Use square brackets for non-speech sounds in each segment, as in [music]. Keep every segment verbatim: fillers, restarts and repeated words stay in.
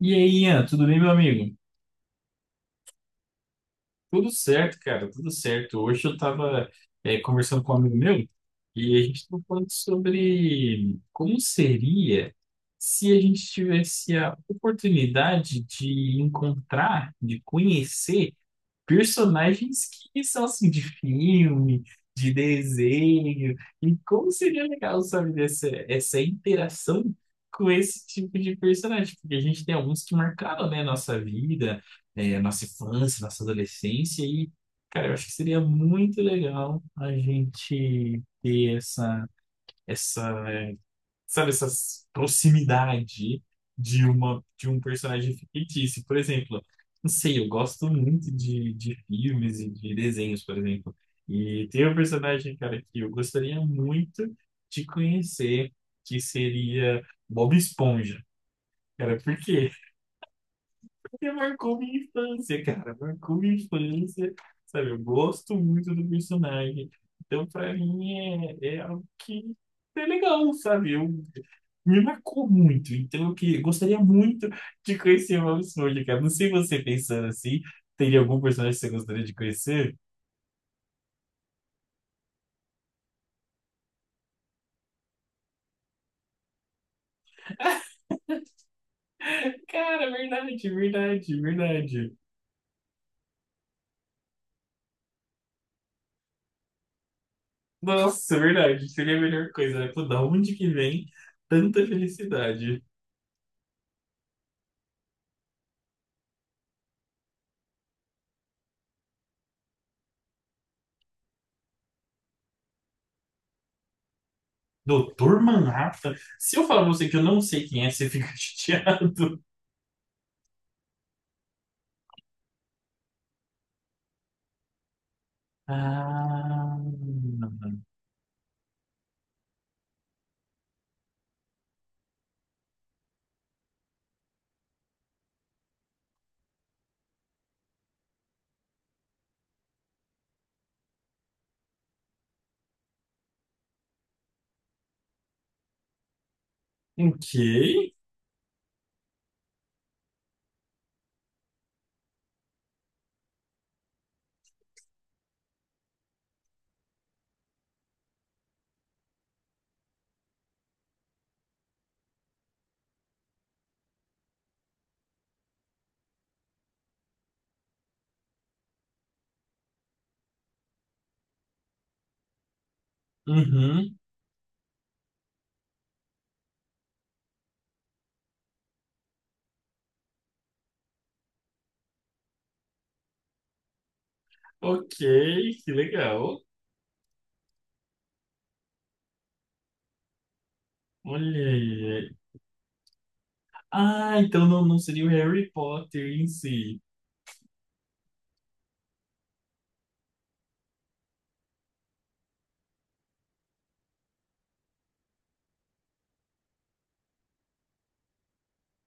E aí, Ian, tudo bem, meu amigo? Tudo certo, cara, tudo certo. Hoje eu tava, eh, conversando com um amigo meu e a gente tava falando sobre como seria se a gente tivesse a oportunidade de encontrar, de conhecer personagens que são assim de filme, de desenho, e como seria legal, sabe, dessa, essa interação com esse tipo de personagem, porque a gente tem alguns que marcaram, né, nossa vida, eh, nossa infância, nossa adolescência, e, cara, eu acho que seria muito legal a gente ter essa, essa sabe, essa proximidade de uma de um personagem fictício. Por exemplo, não sei, eu gosto muito de, de filmes e de desenhos, por exemplo. E tem um personagem, cara, que eu gostaria muito de conhecer, que seria Bob Esponja. Cara, por quê? Você marcou minha infância, cara. Marcou minha infância, sabe? Eu gosto muito do personagem. Então, pra mim, é, é algo que é legal, sabe? Eu, me marcou muito. Então, eu que, gostaria muito de conhecer o Bob Esponja, cara. Não sei você pensando assim, teria algum personagem que você gostaria de conhecer? [laughs] Cara, verdade, verdade, verdade. Nossa, verdade. Seria a melhor coisa, né? Pô, da onde que vem tanta felicidade? Doutor Manhattan? Se eu falar pra você que eu não sei quem é, você fica [laughs] chateado. Ah, ok. Uhum. Ok, que legal. Olha aí. Ah, então não, não seria o Harry Potter em si.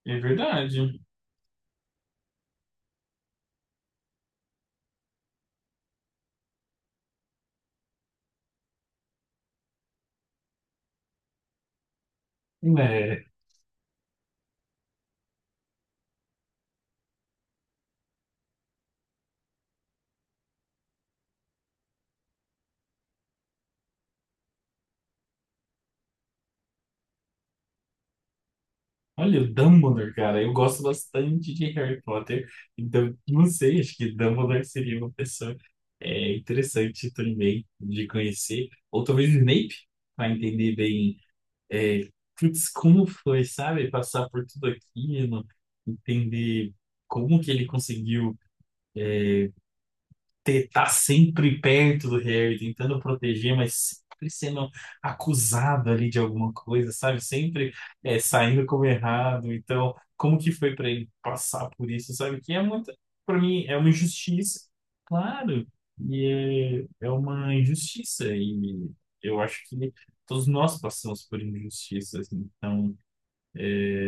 É verdade. É. Olha, o Dumbledore, cara. Eu gosto bastante de Harry Potter. Então, não sei, acho que Dumbledore seria uma pessoa é, interessante também de conhecer. Ou talvez Snape, para entender bem. É, putz, como foi, sabe? Passar por tudo aquilo, entender como que ele conseguiu ter, tá sempre perto do Harry, tentando proteger, mas sempre sendo acusado ali de alguma coisa, sabe? Sempre é, saindo como errado. Então, como que foi para ele passar por isso, sabe? Que é muito, para mim, é uma injustiça, claro, e é, é uma injustiça, e eu acho que todos nós passamos por injustiças, então.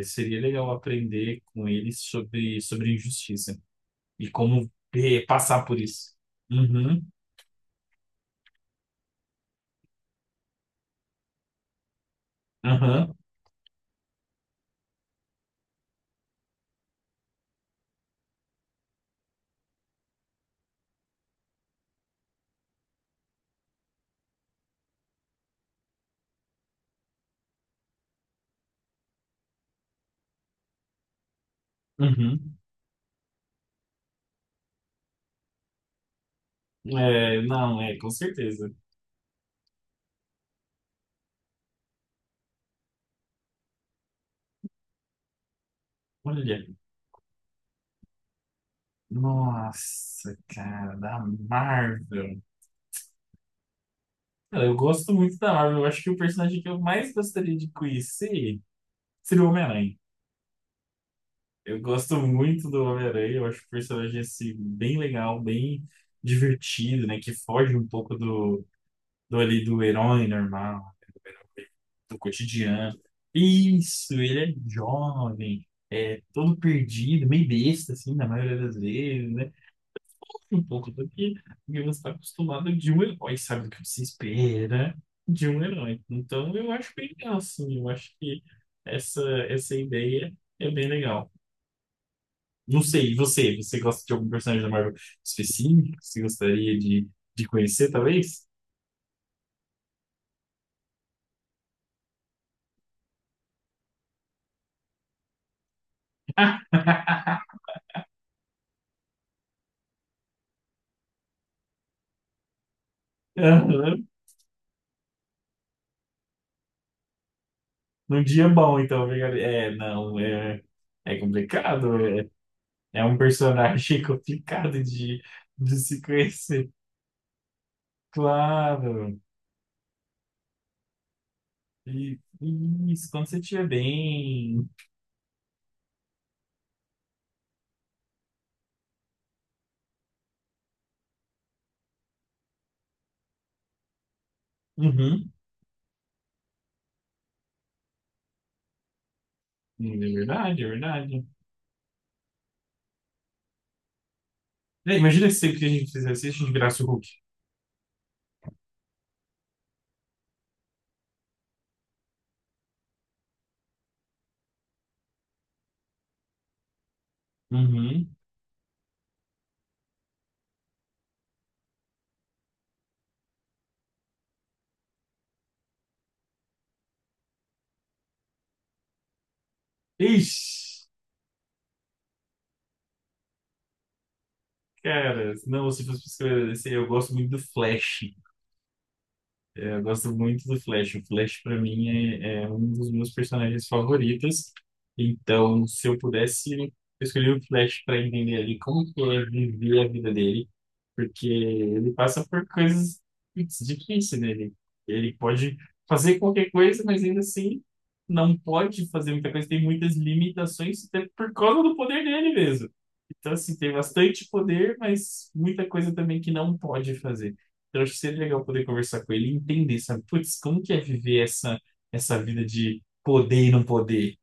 Seria legal aprender com ele sobre, sobre injustiça e como eh, passar por isso. Uhum, aham, uhum. É, não, é, com certeza. Olha, nossa, cara, da Marvel. Cara, eu gosto muito da Marvel. Eu acho que o personagem que eu mais gostaria de conhecer seria o Homem-Aranha. Eu gosto muito do Homem-Aranha. Eu acho o personagem, assim, bem legal, bem divertido, né? Que foge um pouco do, do ali do herói normal. Do cotidiano. Isso, ele é jovem, é todo perdido, meio besta, assim, na maioria das vezes, né? Um pouco do que do que você está acostumado de um herói, sabe? Do que você espera de um herói. Então, eu acho bem legal, assim, eu acho que essa, essa ideia é bem legal. Não sei, e você? Você gosta de algum personagem da Marvel específico? Você gostaria de, de conhecer, talvez? [laughs] Num dia bom, então, fica- é, não, é, é complicado, é, é um personagem [laughs] complicado de, de se conhecer, claro, e, e isso, quando você estiver bem, uhum, é verdade, é verdade, é, imagina se sempre que a gente fizesse isso, a gente virasse o Hulk, uhum, ixi, cara, não, se fosse pra escrever, eu gosto muito do Flash, é, eu gosto muito do Flash. O Flash, para mim, é, é um dos meus personagens favoritos. Então, se eu pudesse escolher o Flash para entender ali como que é viver a vida dele, porque ele passa por coisas putz, difíceis, né? Ele, ele pode fazer qualquer coisa, mas ainda assim não pode fazer muita coisa. Tem muitas limitações, até por causa do poder dele mesmo. Então, assim, tem bastante poder, mas muita coisa também que não pode fazer. Eu acho que seria legal poder conversar com ele e entender, sabe? Putz, como que é viver essa, essa vida de poder e não poder?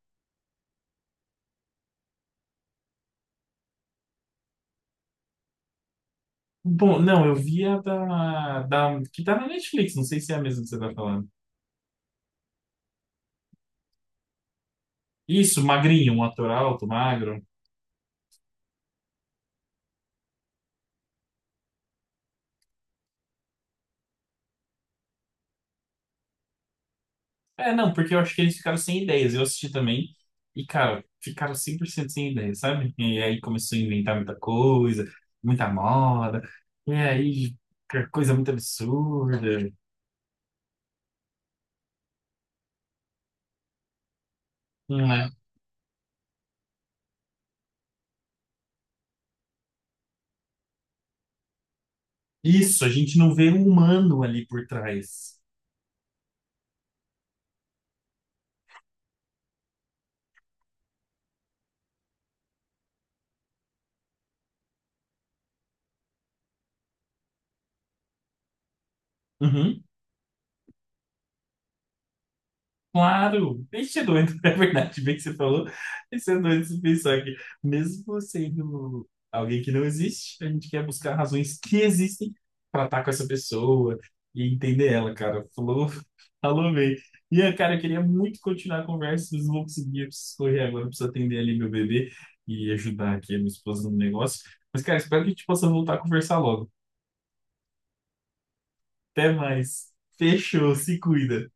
Bom, não, eu vi a da, da... que tá na Netflix, não sei se é a mesma que você tá falando. Isso, magrinho, um ator alto, magro. É, não, porque eu acho que eles ficaram sem ideias. Eu assisti também e, cara, ficaram cem por cento sem ideias, sabe? E aí começou a inventar muita coisa, muita moda. E aí, que coisa muito absurda. Não é? Isso, a gente não vê um humano ali por trás. Uhum, claro, bem ser doido, [laughs] é verdade, bem que você falou, bem ser doido se pensar que, mesmo sendo alguém que não existe, a gente quer buscar razões que existem para estar com essa pessoa e entender ela, cara. Falou, [laughs] falou bem. Ian, cara, eu queria muito continuar a conversa, mas não vou conseguir, eu preciso correr agora, eu preciso atender ali meu bebê e ajudar aqui a minha esposa no negócio. Mas, cara, espero que a gente possa voltar a conversar logo. Até mais. Fechou, se cuida.